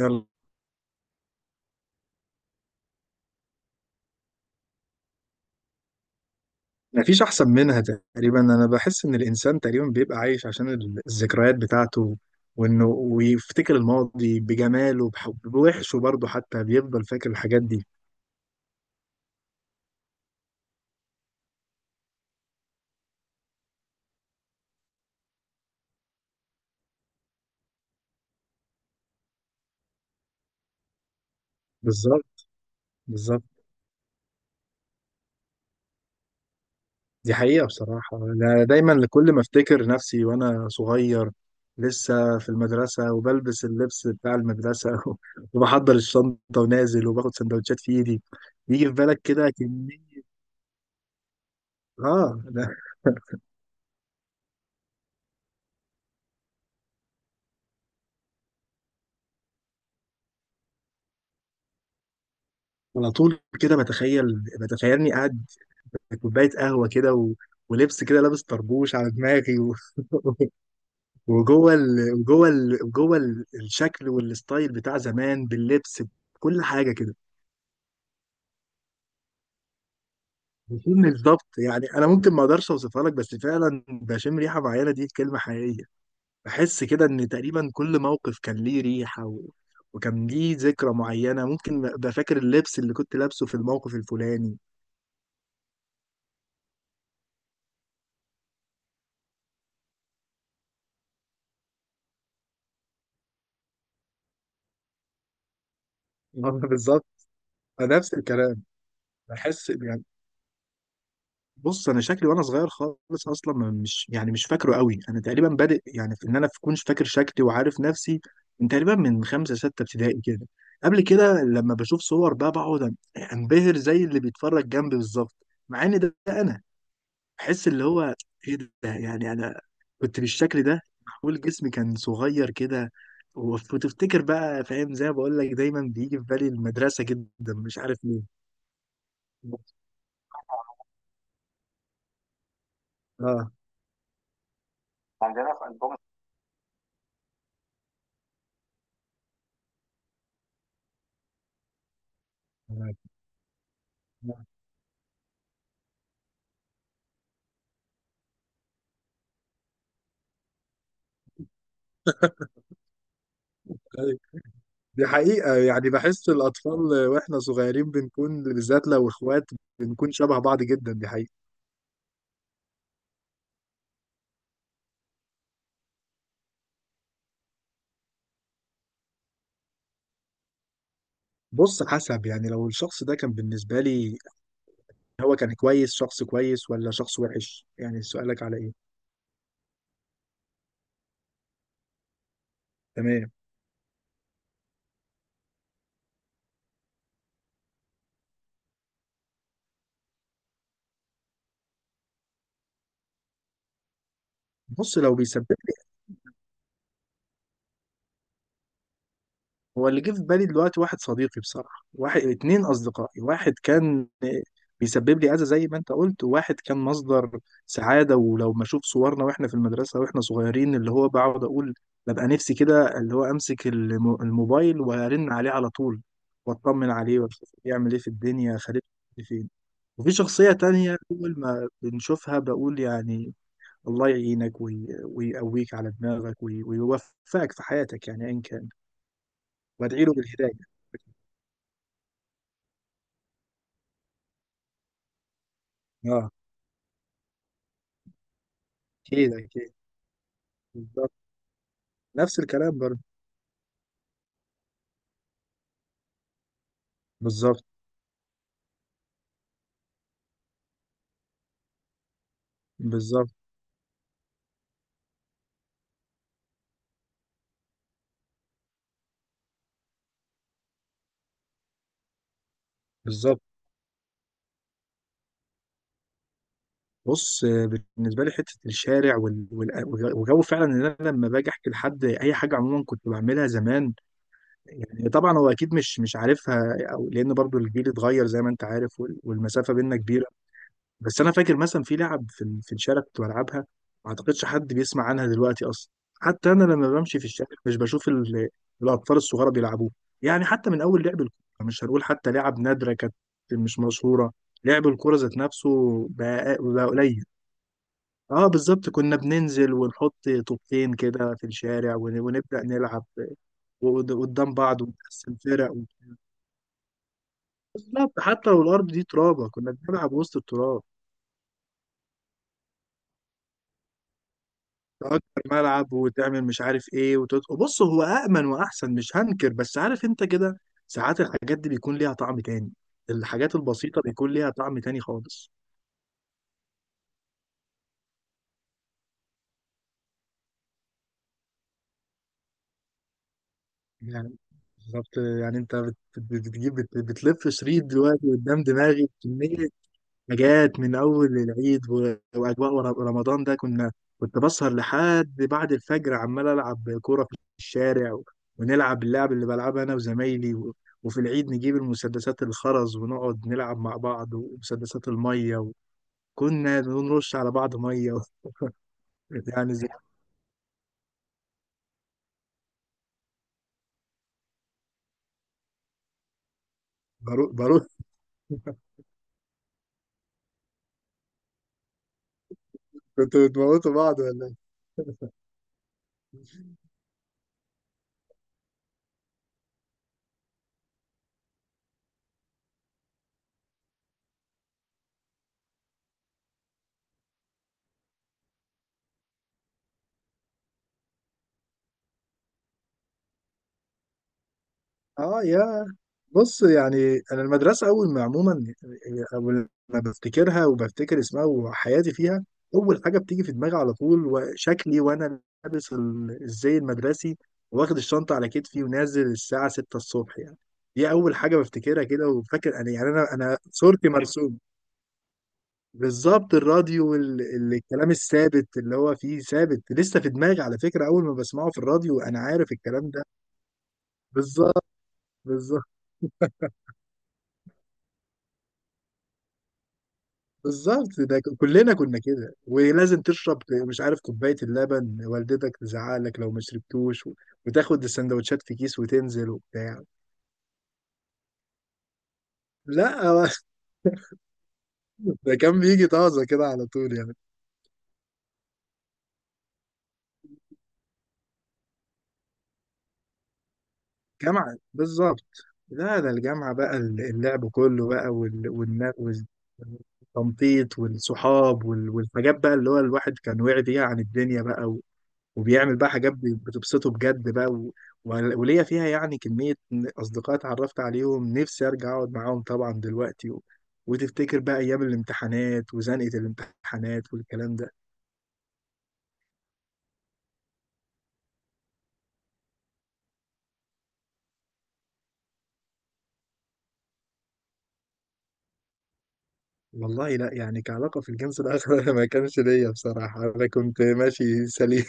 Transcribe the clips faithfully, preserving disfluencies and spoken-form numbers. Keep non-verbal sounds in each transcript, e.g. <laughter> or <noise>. يلا. مفيش أحسن منها. تقريبا أنا بحس إن الإنسان تقريبا بيبقى عايش عشان ال- الذكريات بتاعته. وإنه ويفتكر الماضي بجماله، بح- بوحشه برضه، حتى بيفضل فاكر الحاجات دي. بالظبط. بالظبط. دي حقيقة بصراحة، أنا دايما كل ما أفتكر نفسي وأنا صغير لسه في المدرسة وبلبس اللبس بتاع المدرسة <laughs> وبحضر الشنطة ونازل وباخد سندوتشات في إيدي. يجي في بالك كده كمية. آه أنا. على طول كده بتخيل. بتخيلني قاعد كوبايه قهوه كده، و... ولبس كده لابس طربوش على دماغي و... <laughs> وجوه ال... وجوه ال... وجوه ال- الشكل والستايل بتاع زمان باللبس، بكل حاجه كده. بشم الضبط، يعني انا ممكن ما اقدرش اوصفها لك، بس فعلا بشم ريحه معينه، دي كلمه حقيقيه. بحس كده ان تقريبا كل موقف كان ليه ريحه، و... وكان ليه ذكرى معينه. ممكن ابقى فاكر اللبس اللي كنت لابسه في الموقف الفلاني. <laughs> بالظبط. نفس الكلام. بحس. بص انا شكلي وانا صغير خالص اصلا، ما- مش يعني مش فاكره قوي. انا تقريبا بادئ يعني في ان انا اكونش فاكر شكلي وعارف نفسي من تقريبا من خمسه سته ابتدائي كده. قبل كده لما بشوف صور بقى بقعد انبهر زي اللي بيتفرج جنبي بالظبط، مع ان ده ده انا. بحس اللي هو ايه ده، يعني انا كنت بالشكل ده. معمول جسمي كان صغير كده. وف- وتفتكر بقى. فاهم زي ما بقول لك دايما بيجي في بالي المدرسه جدا، مش عارف ليه. اه. عندنا في ألبوم. أيوة. دي حقيقة، يعني بحس الأطفال وإحنا صغيرين بنكون، بالذات لو إخوات، بنكون شبه بعض جدا. دي حقيقة. بص حسب، يعني لو الشخص ده كان بالنسبة لي، هو كان كويس، شخص كويس ولا شخص وحش؟ يعني سؤالك على إيه؟ تمام. بص لو بيسبب. هو اللي جه في بالي دلوقتي واحد صديقي، بصراحة واحد اتنين أصدقائي، واحد كان بيسبب لي أذى زي ما أنت قلت، وواحد كان مصدر سعادة. ولو ما أشوف صورنا وإحنا في المدرسة وإحنا صغيرين، اللي هو بقعد أقول ببقى نفسي كده، اللي هو أمسك الم- الموبايل وأرن عليه على طول، وأطمن عليه وأشوف بيعمل إيه في الدنيا. خالد فين؟ وفي شخصية تانية أول ما بنشوفها بقول يعني الله يعينك، وي- ويقويك على دماغك، وي- ويوفقك في حياتك، يعني أيا كان. وأدعي له بالهداية. اه. اكيد اكيد. بالظبط. نفس الكلام برضه. بالظبط. بالظبط. بالظبط. بص. آه، بالنسبه لي حته الشارع، وال... وال... وجو، فعلا ان انا لما باجي احكي لحد اي حاجه عموما كنت بعملها زمان، يعني طبعا هو اكيد مش مش عارفها، او لان برضو الجيل اتغير زي ما انت عارف، وال... والمسافه بينا كبيره. بس انا فاكر مثلا في لعب في ال- في الشارع كنت بلعبها، ما اعتقدش حد بيسمع عنها دلوقتي اصلا. حتى انا لما بمشي في الشارع مش بشوف ال- الاطفال الصغار بيلعبوه. يعني حتى من اول لعب الكوره، مش هنقول حتى لعب نادره كانت، مش مشهوره. لعب الكوره ذات نفسه بقى بقى قليل. اه بالظبط. كنا بننزل ونحط طوبتين كده في الشارع ون- ونبدا نلعب قد- قدام بعض ونقسم فرق. و- بالظبط حتى لو الارض دي ترابه كنا بنلعب وسط التراب. تأجر ملعب وتعمل مش عارف ايه، وتط... بص هو أأمن وأحسن، مش هنكر، بس عارف انت كده ساعات الحاجات دي بيكون ليها طعم تاني. الحاجات البسيطة بيكون ليها طعم تاني خالص. يعني بالظبط، يعني انت بت... بت- بتجيب بت... بتلف شريط دلوقتي قدام دماغي كمية حاجات. من أول العيد و- وأجواء ور- رمضان، ده كنا. كنت بسهر لحد بعد الفجر عمال ألعب كورة في الشارع، و- ونلعب اللعب اللي بلعبها أنا وزمايلي، و- وفي العيد نجيب المسدسات الخرز ونقعد نلعب مع بعض ومسدسات المية، وكنا بنرش على بعض مية <laughs> و- يعني زي. بارو- باروت. <laughs> كنتوا بتموتوا بعض. اه. يا. بص، يعني انا المدرسه اول ما عموما، اول ما بفتكرها وبفتكر اسمها وحياتي فيها، اول حاجه بتيجي في دماغي على طول، وشكلي وانا لابس ال- الزي المدرسي واخد الشنطه على كتفي ونازل الساعه ستة الصبح يعني. دي اول حاجه بفتكرها كده. وفاكر انا يعني انا انا صورتي مرسوم. بالظبط، الراديو والكلام الثابت اللي هو فيه ثابت لسه في دماغي، على فكره اول ما بسمعه في الراديو انا عارف الكلام ده. بالظبط. بالظبط. بالظبط. ده ك- كلنا كنا كده، ولازم تشرب ك- مش عارف كوباية اللبن، والدتك تزعلك لو ما شربتوش، و- وتاخد السندوتشات في كيس وتنزل وبتاع. لا هو <laughs> ده كان بيجي طازة كده على طول يعني. جامعة بالظبط. لا ده الجامعة بقى، ال- اللعب كله بقى، وال- والنا- والتنطيط والصحاب، وال- والحاجات بقى اللي هو الواحد كان واعي بيها عن الدنيا بقى، وبيعمل بقى حاجات بي- بتبسطه بجد بقى. و... و- وليا فيها يعني كمية أصدقاء اتعرفت عليهم نفسي أرجع أقعد معاهم طبعا دلوقتي. و... وتفتكر بقى أيام الامتحانات وزنقة الامتحانات والكلام ده. والله لا يعني، كعلاقة في الجنس الآخر <laughs> أنا ما كانش ليا بصراحة، أنا كنت ماشي سليم.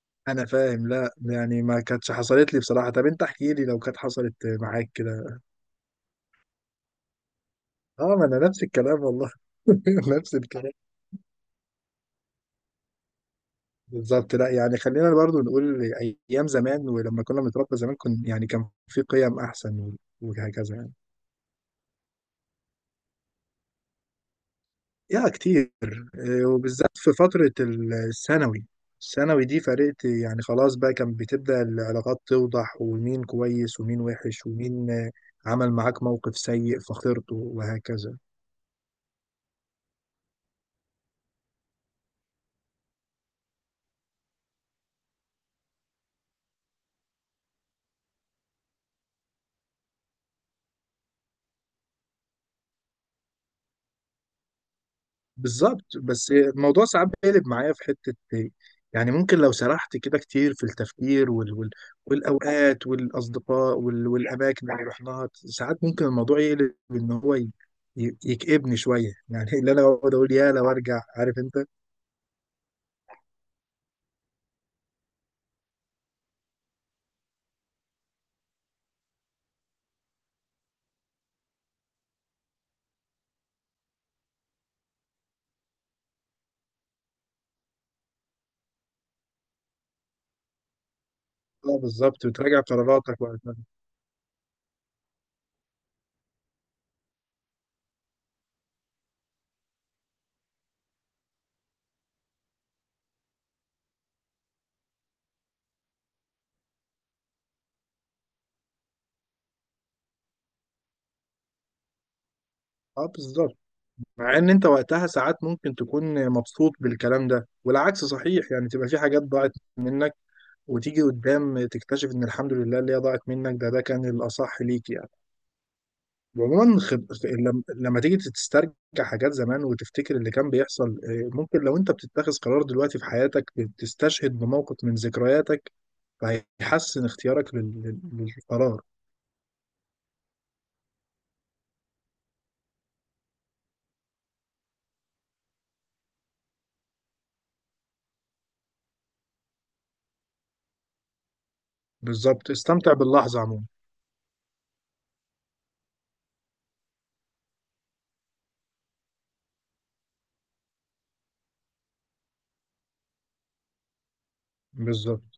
<laughs> أنا فاهم. لا يعني ما كانتش حصلت لي بصراحة. طب أنت احكي لي لو كانت حصلت معاك كده. أه، ما أنا نفس الكلام والله. <laughs> نفس الكلام. بالظبط. لا يعني، خلينا برضو نقول ايام زمان، ولما كنا بنتربى زمان، كن يعني كان في قيم احسن، و- وهكذا يعني. يا كتير. إيه، وبالذات في فترة ال- الثانوي. الثانوي دي فرقت، يعني خلاص بقى كان بتبدأ العلاقات توضح، ومين كويس ومين وحش، ومين آه، عمل معاك موقف سيء فخسرته وهكذا. بالظبط. بس الموضوع ساعات بيقلب معايا في حتة إيه، يعني ممكن لو سرحت كده كتير في التفكير، وال... وال... والأوقات والأصدقاء، وال... والأماكن اللي رحناها، ساعات ممكن الموضوع يقلب إن هو ي... ي- يكئبني شوية. يعني اللي أنا بقعد أقول، يا لو أرجع، عارف أنت؟ اه بالظبط، وتراجع قراراتك وقتها. اه بالظبط. مع إن أنت وقتها ساعات ممكن تكون مبسوط بالكلام ده، والعكس صحيح، يعني تبقى في حاجات ضاعت منك، وتيجي قدام تكتشف ان الحمد لله اللي هي ضاعت منك، ده ده كان الاصح ليك يعني. وعموما، خب... لم- لما تيجي تسترجع حاجات زمان وتفتكر اللي كان بيحصل، آه، ممكن لو انت بتتخذ قرار دلوقتي في حياتك، تستشهد بموقف من ذكرياتك فهيحسن اختيارك لل... لل- للقرار. بالظبط، استمتع باللحظة عموما. بالظبط.